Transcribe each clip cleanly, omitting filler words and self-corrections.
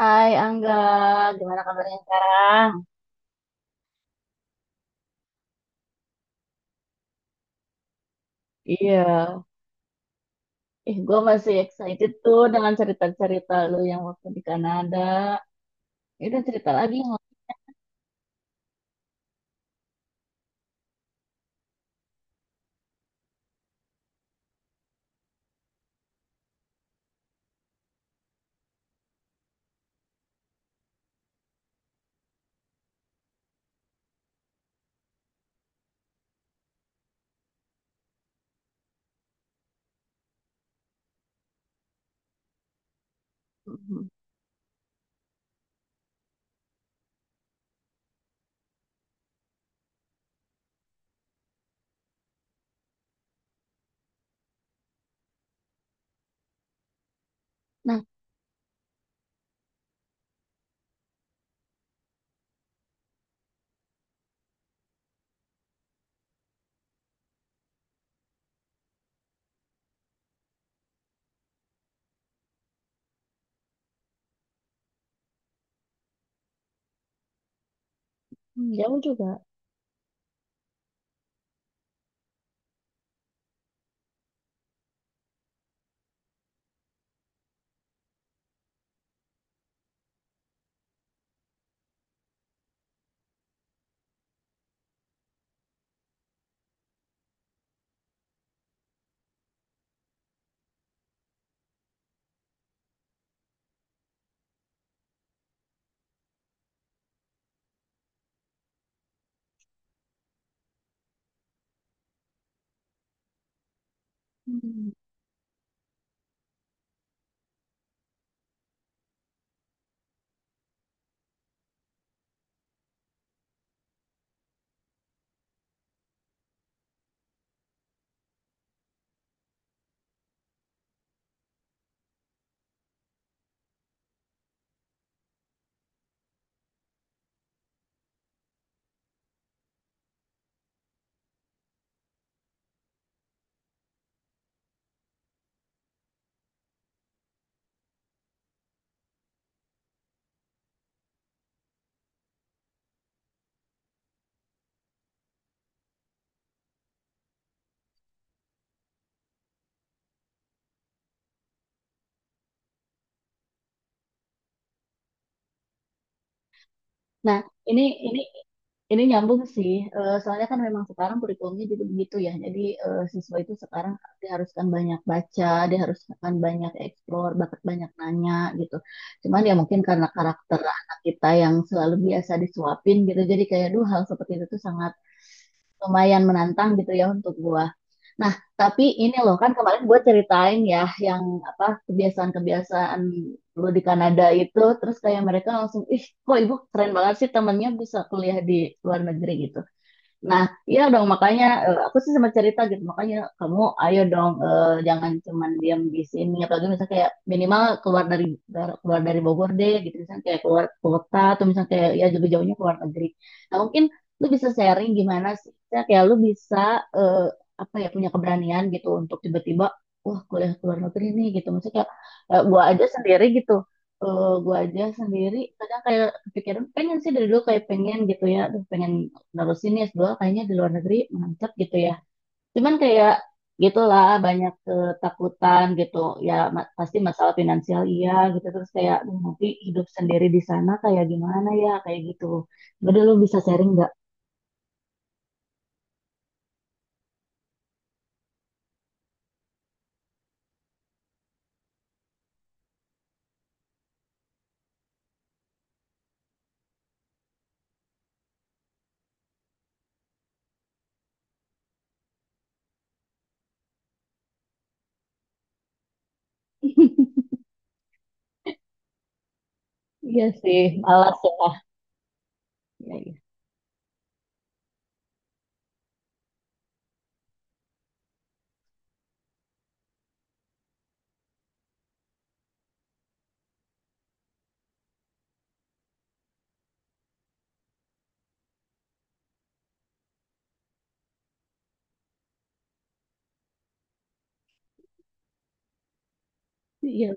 Hai Angga, gimana kabarnya sekarang? Iya, ih gue masih excited tuh dengan cerita-cerita lu yang waktu di Kanada. Itu cerita lagi. Yang- Mhm. Nah, hmm, jauh juga. Nah, ini ini ini nyambung sih. Soalnya kan memang sekarang kurikulumnya juga begitu ya. Jadi siswa itu sekarang diharuskan banyak baca, diharuskan banyak eksplor, bahkan banyak nanya gitu. Cuman ya mungkin karena karakter anak kita yang selalu biasa disuapin gitu. Jadi kayak duh hal seperti itu tuh sangat lumayan menantang gitu ya untuk gua. Nah, tapi ini loh kan kemarin gua ceritain ya yang apa kebiasaan-kebiasaan lu di Kanada itu terus kayak mereka langsung ih kok ibu keren banget sih temennya bisa kuliah di luar negeri gitu. Nah, iya dong makanya aku sih sempat cerita gitu makanya kamu ayo dong, jangan cuman diam di sini, apalagi misalnya kayak minimal keluar dari keluar dari Bogor deh gitu, misalnya kayak keluar kota atau misalnya kayak ya jauh-jauhnya keluar negeri. Nah, mungkin lu bisa sharing gimana sih. Misalnya kayak lu bisa, eh, apa ya, punya keberanian gitu untuk tiba-tiba wah kuliah ke luar negeri nih gitu, maksudnya kayak gua aja sendiri gitu, gua aja sendiri kadang kayak kepikiran pengen sih dari dulu kayak pengen gitu ya aduh pengen nerusin ya S2 kayaknya di luar negeri mantep gitu ya. Cuman kayak gitulah banyak ketakutan gitu. Ya pasti masalah finansial iya gitu terus kayak "Duh, nanti hidup sendiri di sana kayak gimana ya kayak gitu." Gede lu bisa sharing nggak? Iya sih, malas ya. Iya, iya. Iya.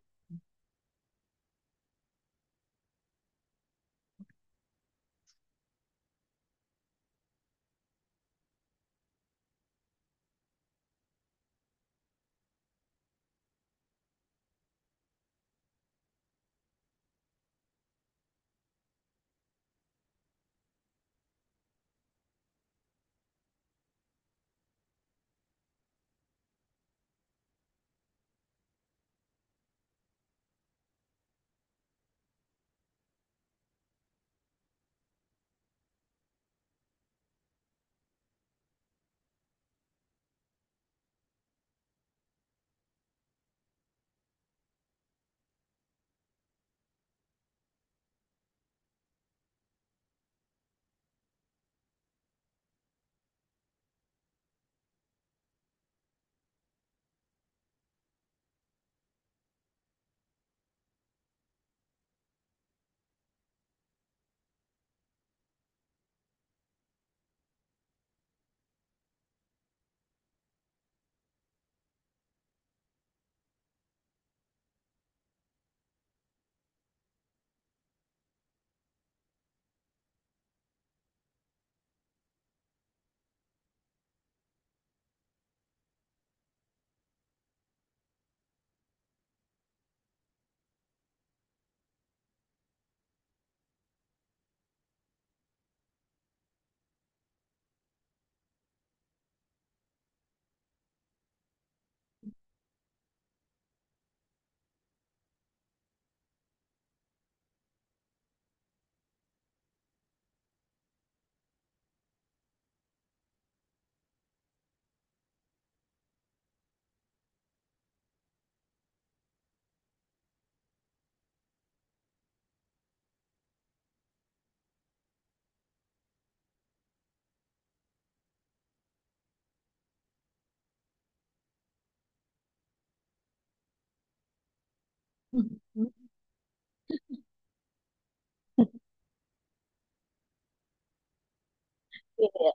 Iya, iya.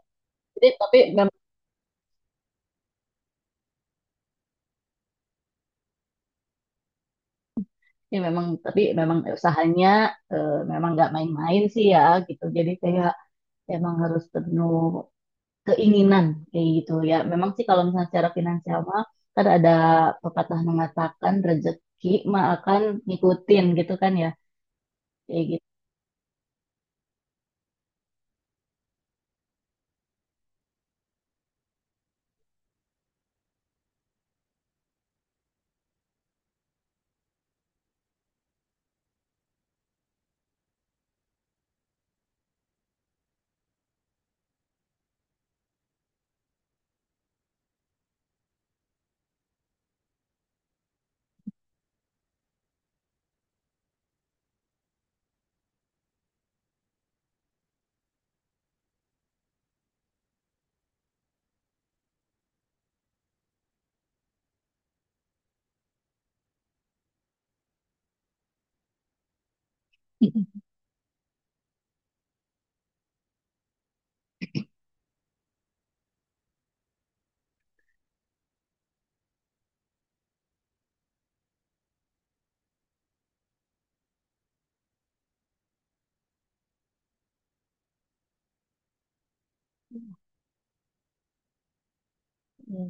Jadi tapi memang ya memang tapi memang usahanya, memang nggak main-main sih ya gitu. Jadi kayak emang harus penuh keinginan kayak gitu ya. Memang sih kalau misalnya secara finansial mah kan ada pepatah mengatakan rezeki mah akan ngikutin gitu kan ya. Kayak gitu. Iya,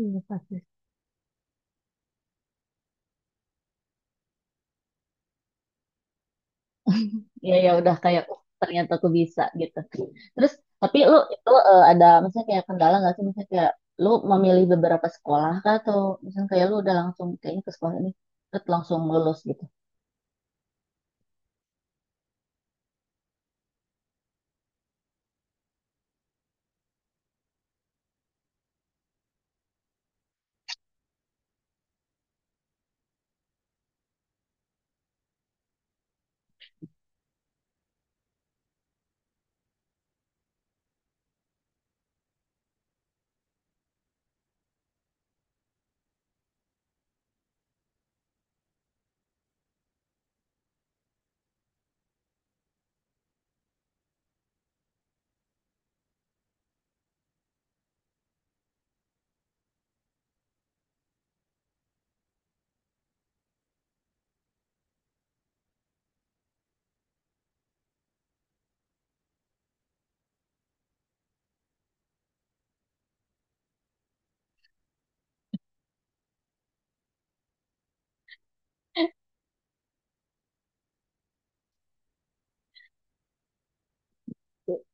iya, pasti. Ya ya udah kayak oh, ternyata aku bisa gitu. Terus tapi lu itu ada misalnya kayak kendala nggak sih, misalnya kayak lu memilih beberapa sekolah kah, atau misalnya kayak lu udah langsung kayaknya ke sekolah ini terus langsung lulus gitu.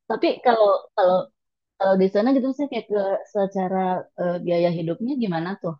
Tapi kalau kalau kalau di sana gitu misalnya kayak ke secara biaya hidupnya gimana tuh?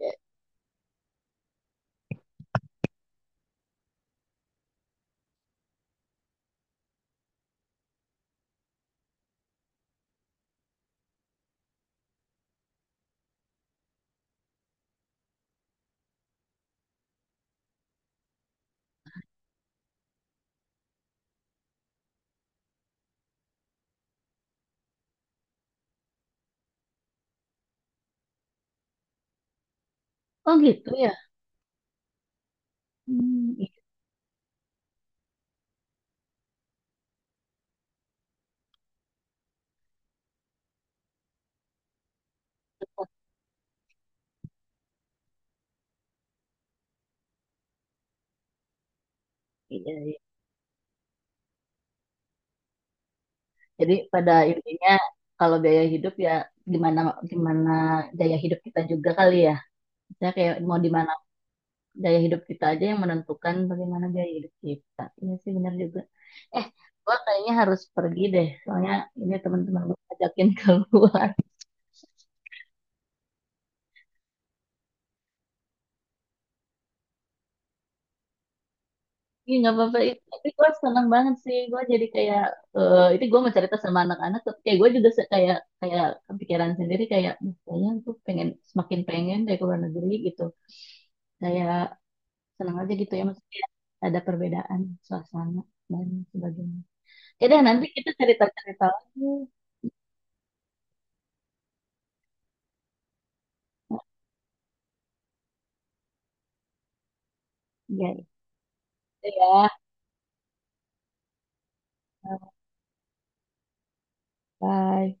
Eh, oh gitu ya. Hmm, iya, iya, iya. Jadi pada intinya kalau gaya hidup ya gimana gimana gaya hidup kita juga kali ya. Kita kayak mau di mana gaya hidup kita aja yang menentukan bagaimana gaya hidup kita. Iya sih benar juga. Eh, gua kayaknya harus pergi deh. Soalnya ini teman-teman gue ajakin keluar. Iya nggak apa-apa. Itu- Tapi gue seneng banget sih. Gue jadi kayak eh itu gue mau cerita sama anak-anak. Tapi kayak gue juga se- kayak kayak kepikiran sendiri kayak "Duh, kayaknya tuh pengen semakin pengen dari luar negeri gitu." Kayak seneng aja gitu ya maksudnya ada perbedaan suasana dan sebagainya. Ya deh nanti kita cerita-cerita lagi. Ya itu ya. Bye.